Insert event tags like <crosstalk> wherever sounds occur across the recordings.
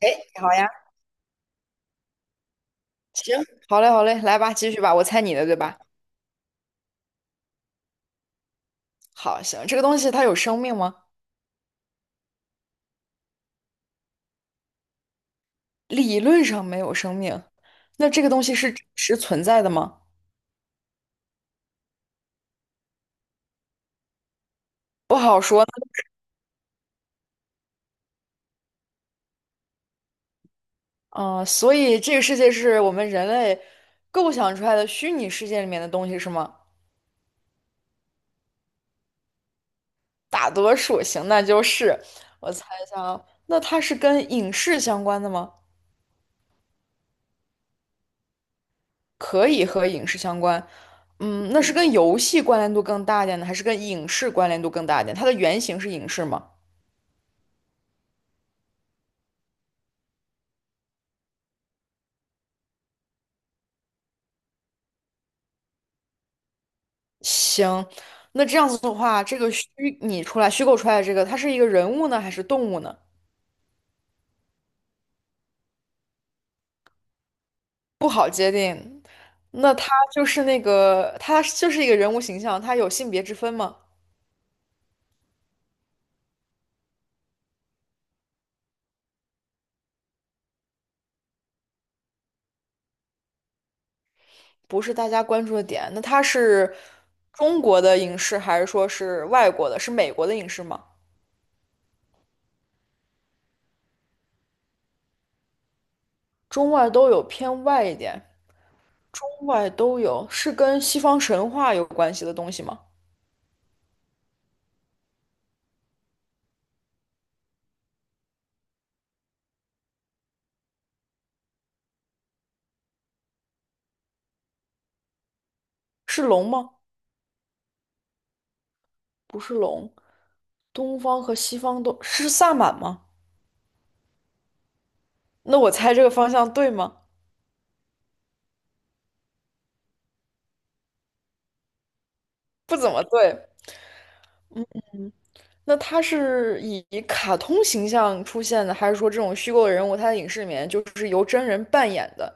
哎，好呀，行，好嘞，好嘞，来吧，继续吧，我猜你的，对吧？好，行，这个东西它有生命吗？理论上没有生命，那这个东西是真实存在的吗？不好说。所以这个世界是我们人类构想出来的虚拟世界里面的东西是吗？大多数，行，那就是，我猜一下啊，那它是跟影视相关的吗？可以和影视相关。嗯，那是跟游戏关联度更大一点呢，还是跟影视关联度更大一点？它的原型是影视吗？行，那这样子的话，这个虚拟出来、虚构出来的这个，它是一个人物呢，还是动物呢？不好界定。那它就是那个，它就是一个人物形象，它有性别之分吗？不是大家关注的点。那它是中国的影视，还是说是外国的？是美国的影视吗？中外都有，偏外一点。中外都有，是跟西方神话有关系的东西吗？是龙吗？不是龙。东方和西方都是萨满吗？那我猜这个方向对吗？不怎么对。那他是以卡通形象出现的，还是说这种虚构的人物，他在影视里面就是由真人扮演的？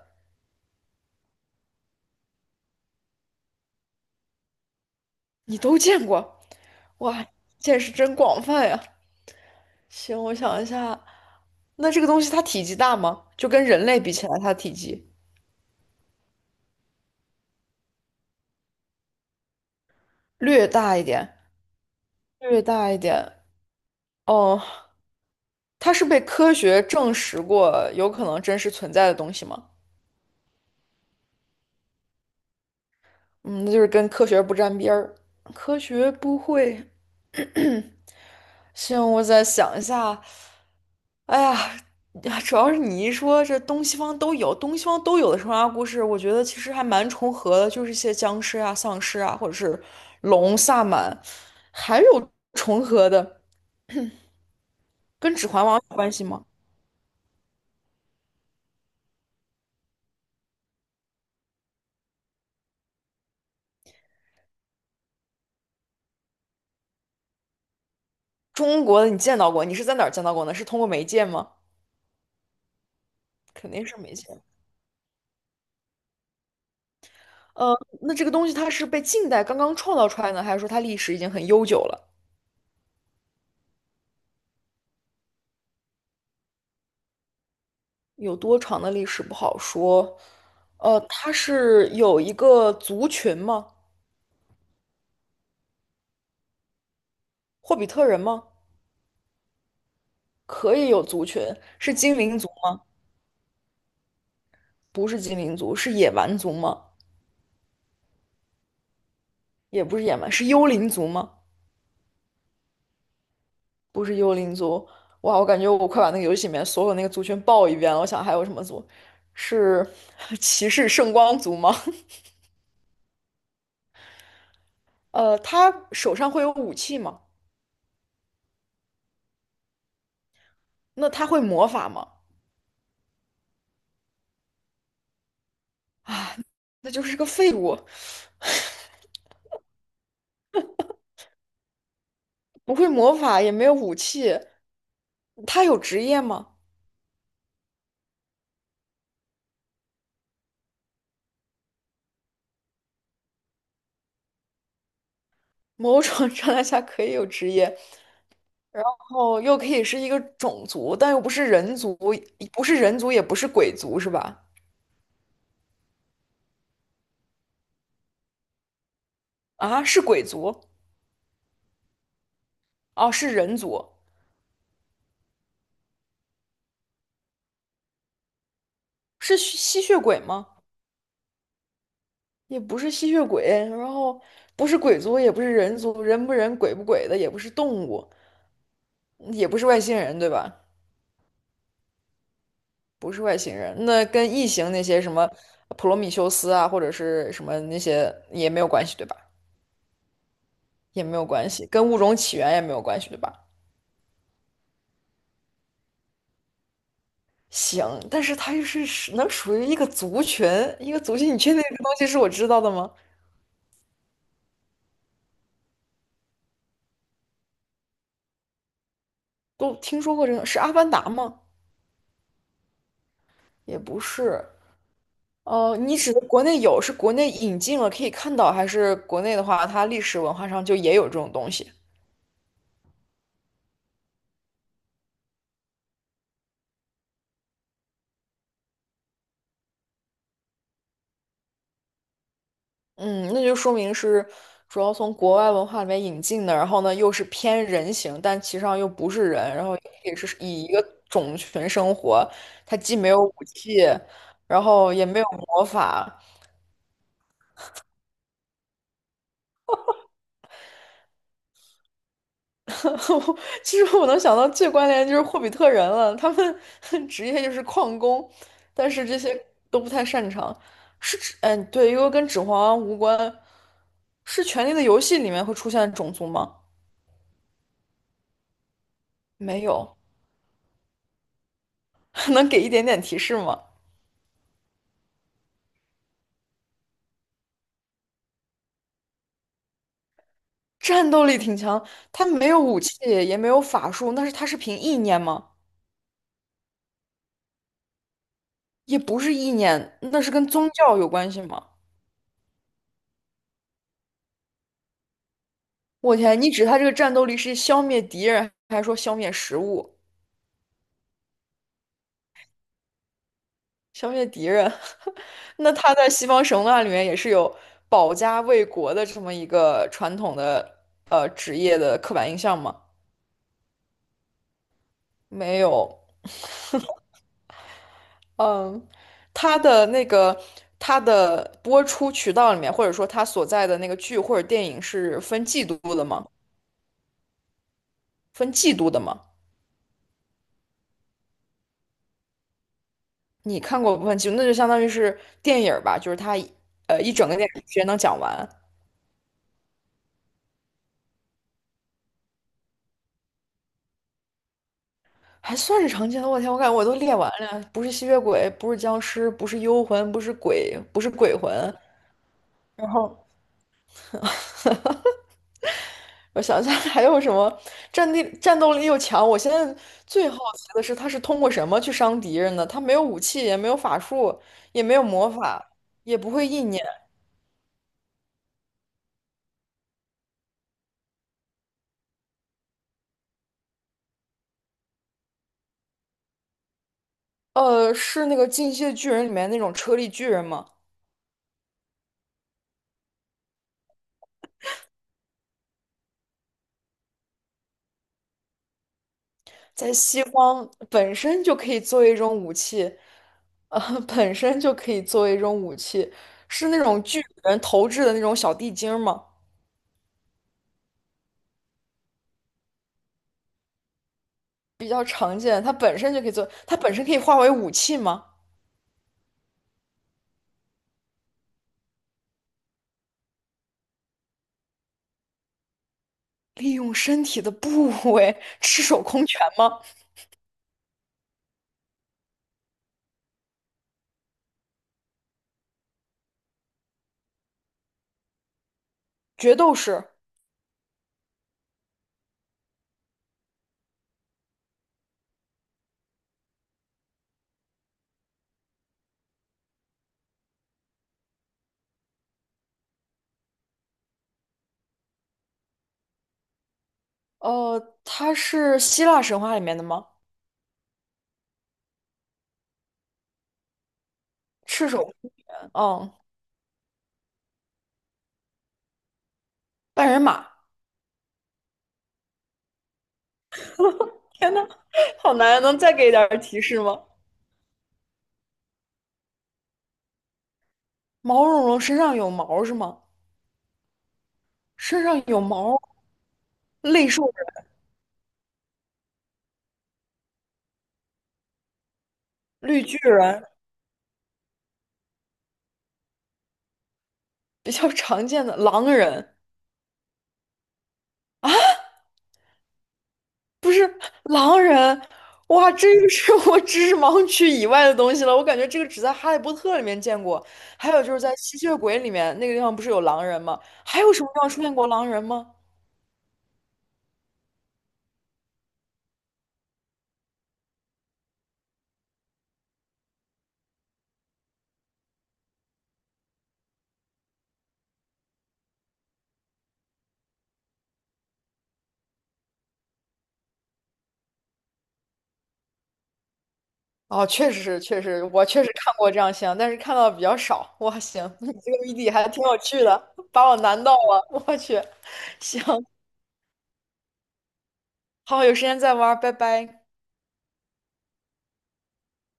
你都见过，哇，见识真广泛呀！行，我想一下，那这个东西它体积大吗？就跟人类比起来，它体积略大一点，略大一点。哦，它是被科学证实过有可能真实存在的东西吗？嗯，那就是跟科学不沾边儿，科学不会 <clears throat>。行，我再想一下。哎呀，呀主要是你一说这东西方都有，东西方都有的神话故事，我觉得其实还蛮重合的，就是一些僵尸啊、丧尸啊，或者是龙、萨满，还有重合的，跟《指环王》有关系吗？中国的你见到过，你是在哪儿见到过呢？是通过媒介吗？肯定是媒介。呃，那这个东西它是被近代刚刚创造出来呢，还是说它历史已经很悠久了？有多长的历史不好说。呃，它是有一个族群吗？霍比特人吗？可以有族群，是精灵族吗？不是精灵族，是野蛮族吗？也不是野蛮，是幽灵族吗？不是幽灵族。哇，我感觉我快把那个游戏里面所有那个族群报一遍了。我想还有什么族？是 <laughs> 骑士圣光族吗？<laughs> 呃，他手上会有武器吗？那他会魔法吗？啊，那就是个废物，不会魔法，也没有武器。他有职业吗？某种状态下可以有职业，然后又可以是一个种族，但又不是人族，不是人族，也不是鬼族，是吧？啊，是鬼族，哦，是人族，是吸血鬼吗？也不是吸血鬼，然后不是鬼族，也不是人族，人不人，鬼不鬼的，也不是动物，也不是外星人，对吧？不是外星人，那跟异形那些什么普罗米修斯啊，或者是什么那些也没有关系，对吧？也没有关系，跟物种起源也没有关系，对吧？行，但是它又是属于一个族群，一个族群，你确定这个东西是我知道的吗？都听说过这个，是《阿凡达》吗？也不是。呃，你指的国内有，是国内引进了可以看到，还是国内的话，它历史文化上就也有这种东西？嗯，那就说明是主要从国外文化里面引进的，然后呢又是偏人形，但其实上又不是人，然后也是以一个种群生活，它既没有武器，然后也没有魔法。<laughs> 其实我能想到最关联的就是霍比特人了，他们 <laughs> 职业就是矿工，但是这些都不太擅长。是指，嗯，对，因为跟《指环王》无关。是《权力的游戏》里面会出现种族吗？没有，<laughs> 能给一点点提示吗？战斗力挺强，他没有武器，也没有法术，那是他是凭意念吗？也不是意念，那是跟宗教有关系吗？我天，你指他这个战斗力是消灭敌人，还说消灭食物、消灭敌人？<laughs> 那他在西方神话里面也是有保家卫国的这么一个传统的呃职业的刻板印象吗？没有。<laughs> 嗯，他的那个他的播出渠道里面，或者说他所在的那个剧或者电影是分季度的吗？分季度的吗？你看过不分季度那就相当于是电影儿吧，就是他呃一整个电影时间能讲完，还算是常见的。我天，我感觉我都列完了，不是吸血鬼，不是僵尸，不是幽魂，不是鬼，不是鬼魂，然后我想一下还有什么战地战斗力又强？我现在最好奇的是，他是通过什么去伤敌人的？他没有武器，也没有法术，也没有魔法，也不会意念。呃，是那个《进击的巨人》里面那种车力巨人吗？在西方本身就可以作为一种武器，呃，本身就可以作为一种武器，是那种巨人投掷的那种小地精儿吗？比较常见，它本身就可以做，它本身可以化为武器吗？利用身体的部位，赤手空拳吗？决斗士，呃，他是希腊神话里面的吗？赤手空拳，嗯，半人马。天呐，<laughs> 好难啊能再给点儿提示吗？毛茸茸身上有毛是吗？身上有毛，类兽人绿巨人，比较常见的狼人，狼人，哇，这个是我知识盲区以外的东西了。我感觉这个只在《哈利波特》里面见过，还有就是在吸血鬼里面那个地方不是有狼人吗？还有什么地方出现过狼人吗？哦，确实是，确实，我确实看过这样像，但是看到的比较少。哇，行，<laughs> 你这个谜底还挺有趣的，把我难到了。我去，行，好，有时间再玩拜拜。